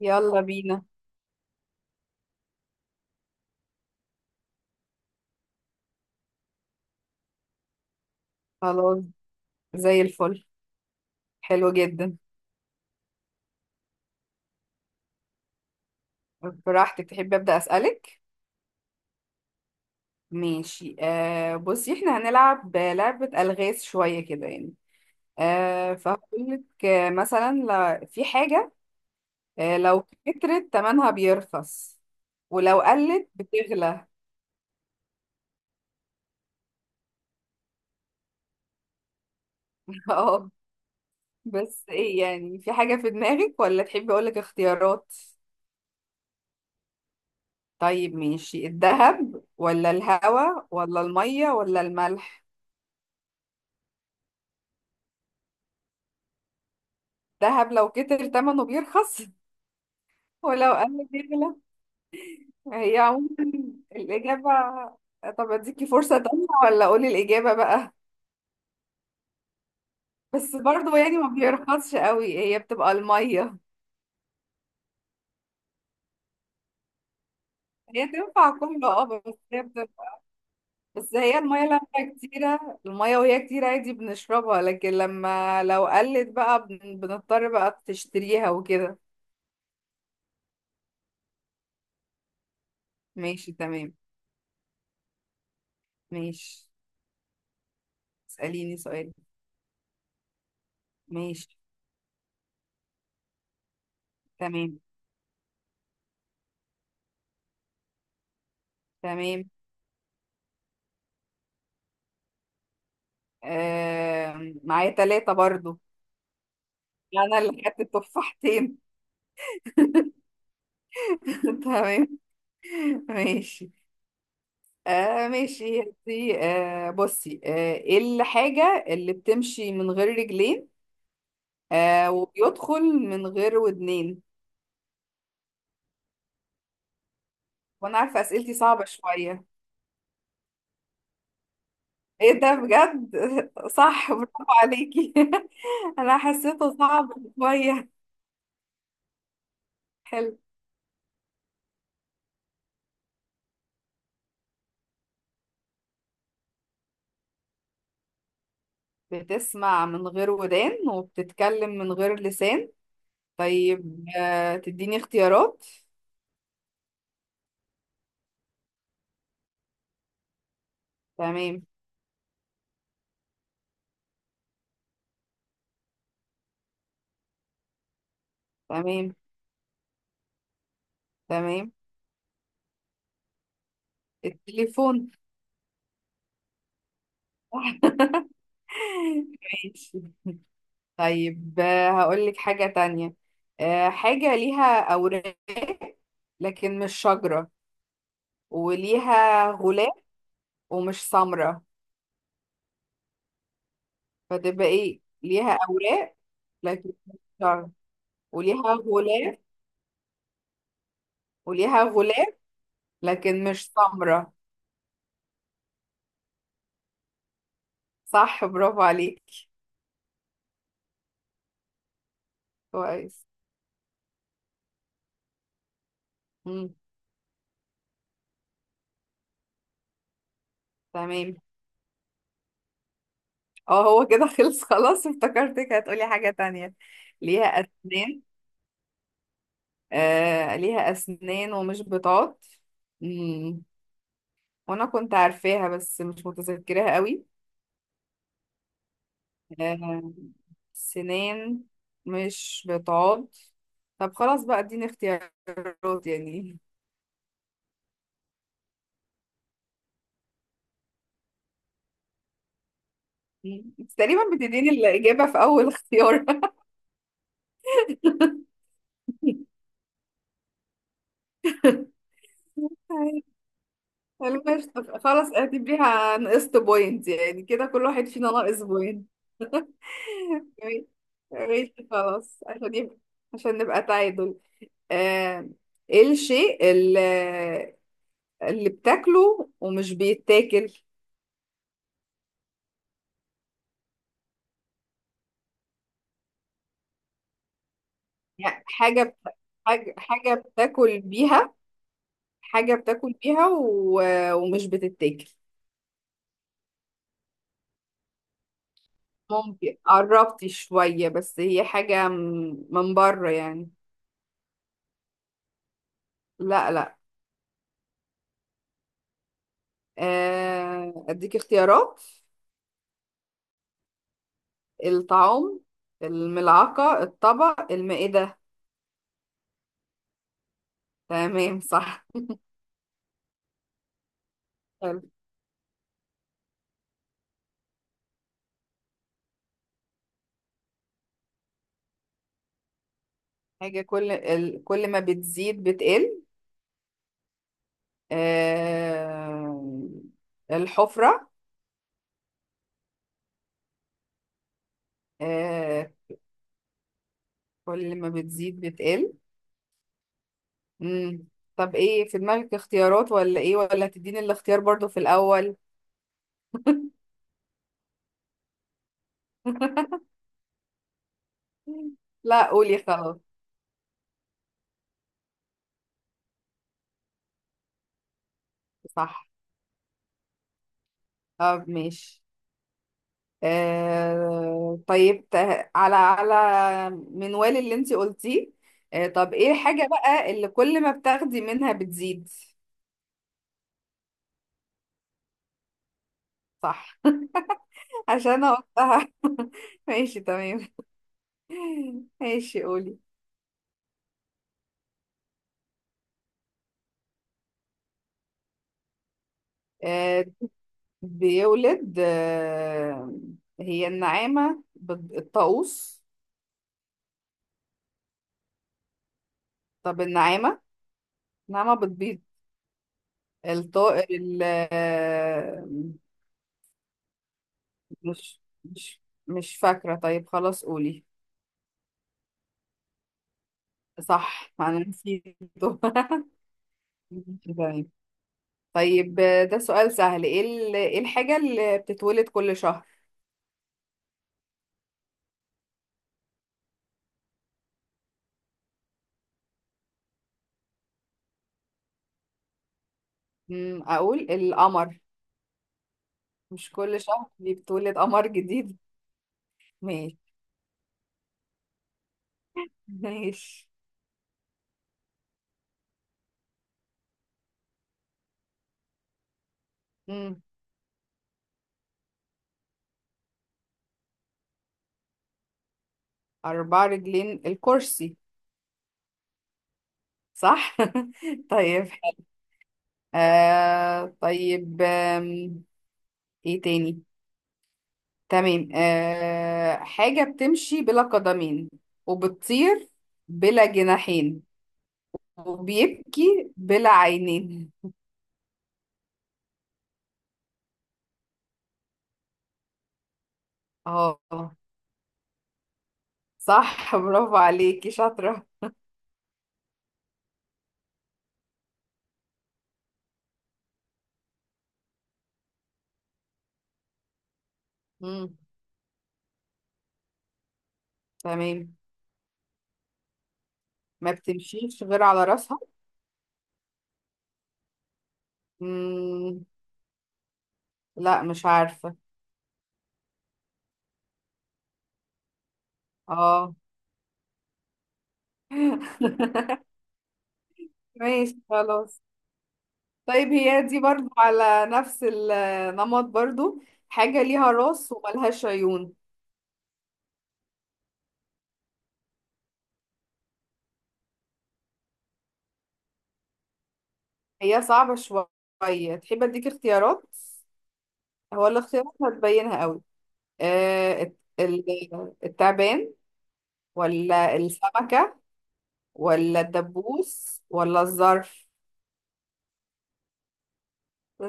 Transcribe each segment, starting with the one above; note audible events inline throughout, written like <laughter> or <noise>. يلا بينا. خلاص. زي الفل. حلو جدا. براحتك، تحب أبدأ أسألك. ماشي. بصي، احنا هنلعب لعبة ألغاز شوية كده يعني. فهقولك مثلا في حاجة، لو كترت تمنها بيرخص، ولو قلت بتغلى. <laughs> اه، بس ايه يعني، في حاجة في دماغك ولا تحبي أقولك اختيارات؟ طيب ماشي، الذهب ولا الهوا ولا المية ولا الملح؟ دهب لو كتر تمنه بيرخص <laughs> ولو قل بيغلى. هي عموما الإجابة. طب أديكي فرصة تانية ولا أقول الإجابة بقى؟ بس برضو يعني ما بيرخصش قوي، هي بتبقى المية. هي تنفع كله، اه، بس هي بتبقى. بس هي المية لما كتيرة، المية وهي كتيرة عادي بنشربها، لكن لما لو قلت بقى بنضطر بقى تشتريها وكده. ماشي تمام. ماشي، اسأليني سؤال. ماشي. تمام. تمام. معايا ثلاثة برضو. انا اللي خدت التفاحتين. <laughs> تمام. ماشي. ماشي دي. بصي، ايه الحاجة اللي بتمشي من غير رجلين وبيدخل من غير ودنين؟ وانا عارفة اسئلتي صعبة شوية. ايه ده بجد. <laughs> صح، برافو عليكي. <laughs> انا حسيته صعب شوية. حلو. بتسمع من غير ودان وبتتكلم من غير لسان. طيب، تديني اختيارات. تمام. تمام. تمام. التليفون. <laughs> ماشي. طيب، هقولك حاجة تانية. حاجة ليها أوراق لكن مش شجرة، وليها غلاف ومش سمرة. فتبقى ايه؟ ليها أوراق لكن مش شجرة، وليها غلاف. وليها غلاف لكن مش سمرة. صح، برافو عليك. كويس. مم. تمام. اه هو كده خلص. <laughs> خلاص افتكرتك هتقولي حاجة تانية. ليها أسنان. ليها أسنان ومش بتعض. مم، وأنا كنت عارفاها بس مش متذكراها قوي. آه سنان، مش بتعض. طب خلاص بقى، اديني اختيارات يعني. مم، انت تقريبا بتديني الإجابة في أول اختيار. <laughs> المشط، خلاص اعتبريها نقصت بوينت، يعني كده كل واحد فينا ناقص بوينت. ماشي. ماشي خلاص، عشان نبقى تعادل. آه، ايه الشيء اللي، اللي بتاكله ومش بيتاكل؟ يعني حاجة حاجة، بتاكل بيها. حاجة بتاكل بيها ومش بتتاكل. ممكن قربتي شوية، بس هي حاجة من بره يعني. لا لا. اديك اختيارات. الطعام، الملعقة، الطبق، المائدة. تمام، صح. حاجة كل ما بتزيد بتقل. آه الحفرة. آه كل ما بتزيد بتقل. مم. طب ايه في دماغك اختيارات، ولا ايه، ولا تديني الاختيار برضو في الأول؟ <laughs> لا، قولي خلاص. صح. طب ماشي. آه طيب ت- على منوال اللي انتي قلتيه. طب ايه الحاجة بقى اللي كل ما بتاخدي منها بتزيد؟ صح. عشان اوضحها. <laughs> ماشي تمام. ماشي، قولي. آه بيولد، هي النعامة، الطاووس؟ طب النعامة، النعامة بتبيض. الطائر ال، آه، مش مش مش فاكرة. طيب خلاص قولي. صح، ما انا نسيته. <laughs> ماشي تمام. طيب، ده سؤال سهل. ايه إيه الحاجة اللي بتتولد كل شهر؟ مم، اقول القمر. مش كل شهر دي بتولد قمر جديد؟ ماشي. ماشي. مم. أربع رجلين، الكرسي. صح. <laughs> طيب. آه طيب آم، ايه تاني؟ تمام. حاجة بتمشي بلا قدمين، وبتطير بلا جناحين، وبيبكي بلا عينين. اه. صح، برافو عليكي، شاطرة. مم. تمام. ما بتمشيش غير على راسها. مم. لا مش عارفة. اه. <laughs> ماشي خلاص. طيب هي دي برضو على نفس النمط برضو. حاجة ليها راس وملهاش عيون. هي صعبة شوية، تحب اديك اختيارات. هو الاختيارات هتبينها قوي. التعبان ولا السمكة ولا الدبوس ولا الظرف؟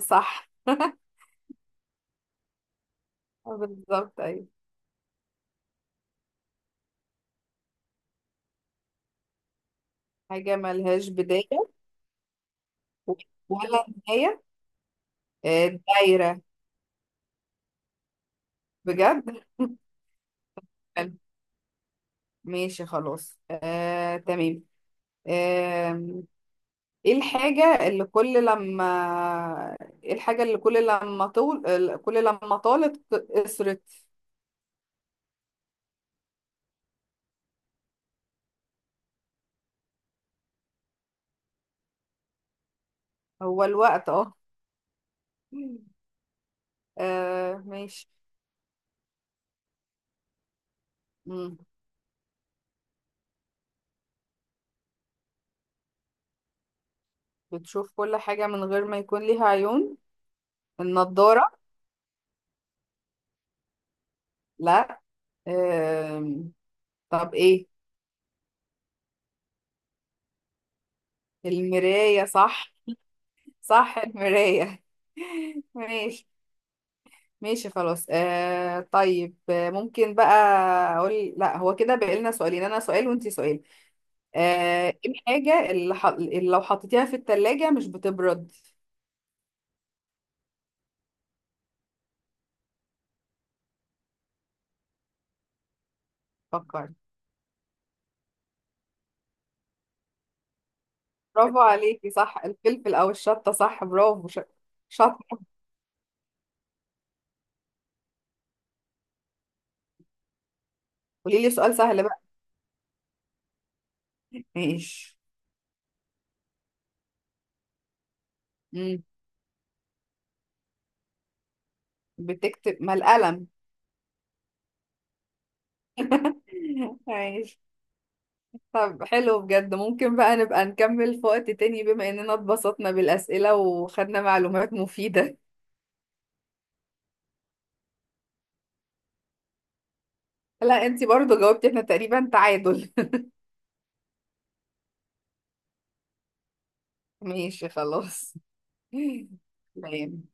صح. <laughs> بالظبط، ايوه. حاجة ملهاش بداية ولا نهاية. دايرة. بجد. <laughs> ماشي خلاص. تمام. آه، ايه الحاجة اللي كل لما ايه الحاجة اللي كل لما طول، كل لما طالت قصرت؟ هو الوقت، اه. ماشي. مم. بتشوف كل حاجة من غير ما يكون ليها عيون؟ النضارة. لا. آم، طب ايه؟ المراية. صح. صح، المراية. <laughs> ماشي. ماشي خلاص. طيب، ممكن بقى اقول، لا هو كده بقى لنا سؤالين، انا سؤال وانتي سؤال. ايه الحاجة اللي، اللي لو حطيتيها في التلاجة مش بتبرد؟ فكري. برافو عليكي، صح، الفلفل او الشطة، صح، برافو، شطة. قولي لي سؤال سهل بقى. ماشي. امم، بتكتب ما القلم. <laughs> ماشي. طب حلو بجد، ممكن بقى نبقى نكمل في وقت تاني، بما اننا اتبسطنا بالأسئلة وخدنا معلومات مفيدة. لا، انتي برضو جاوبتي، احنا تقريبا تعادل. <laughs> ماشي خلاص. <laughs> تمام.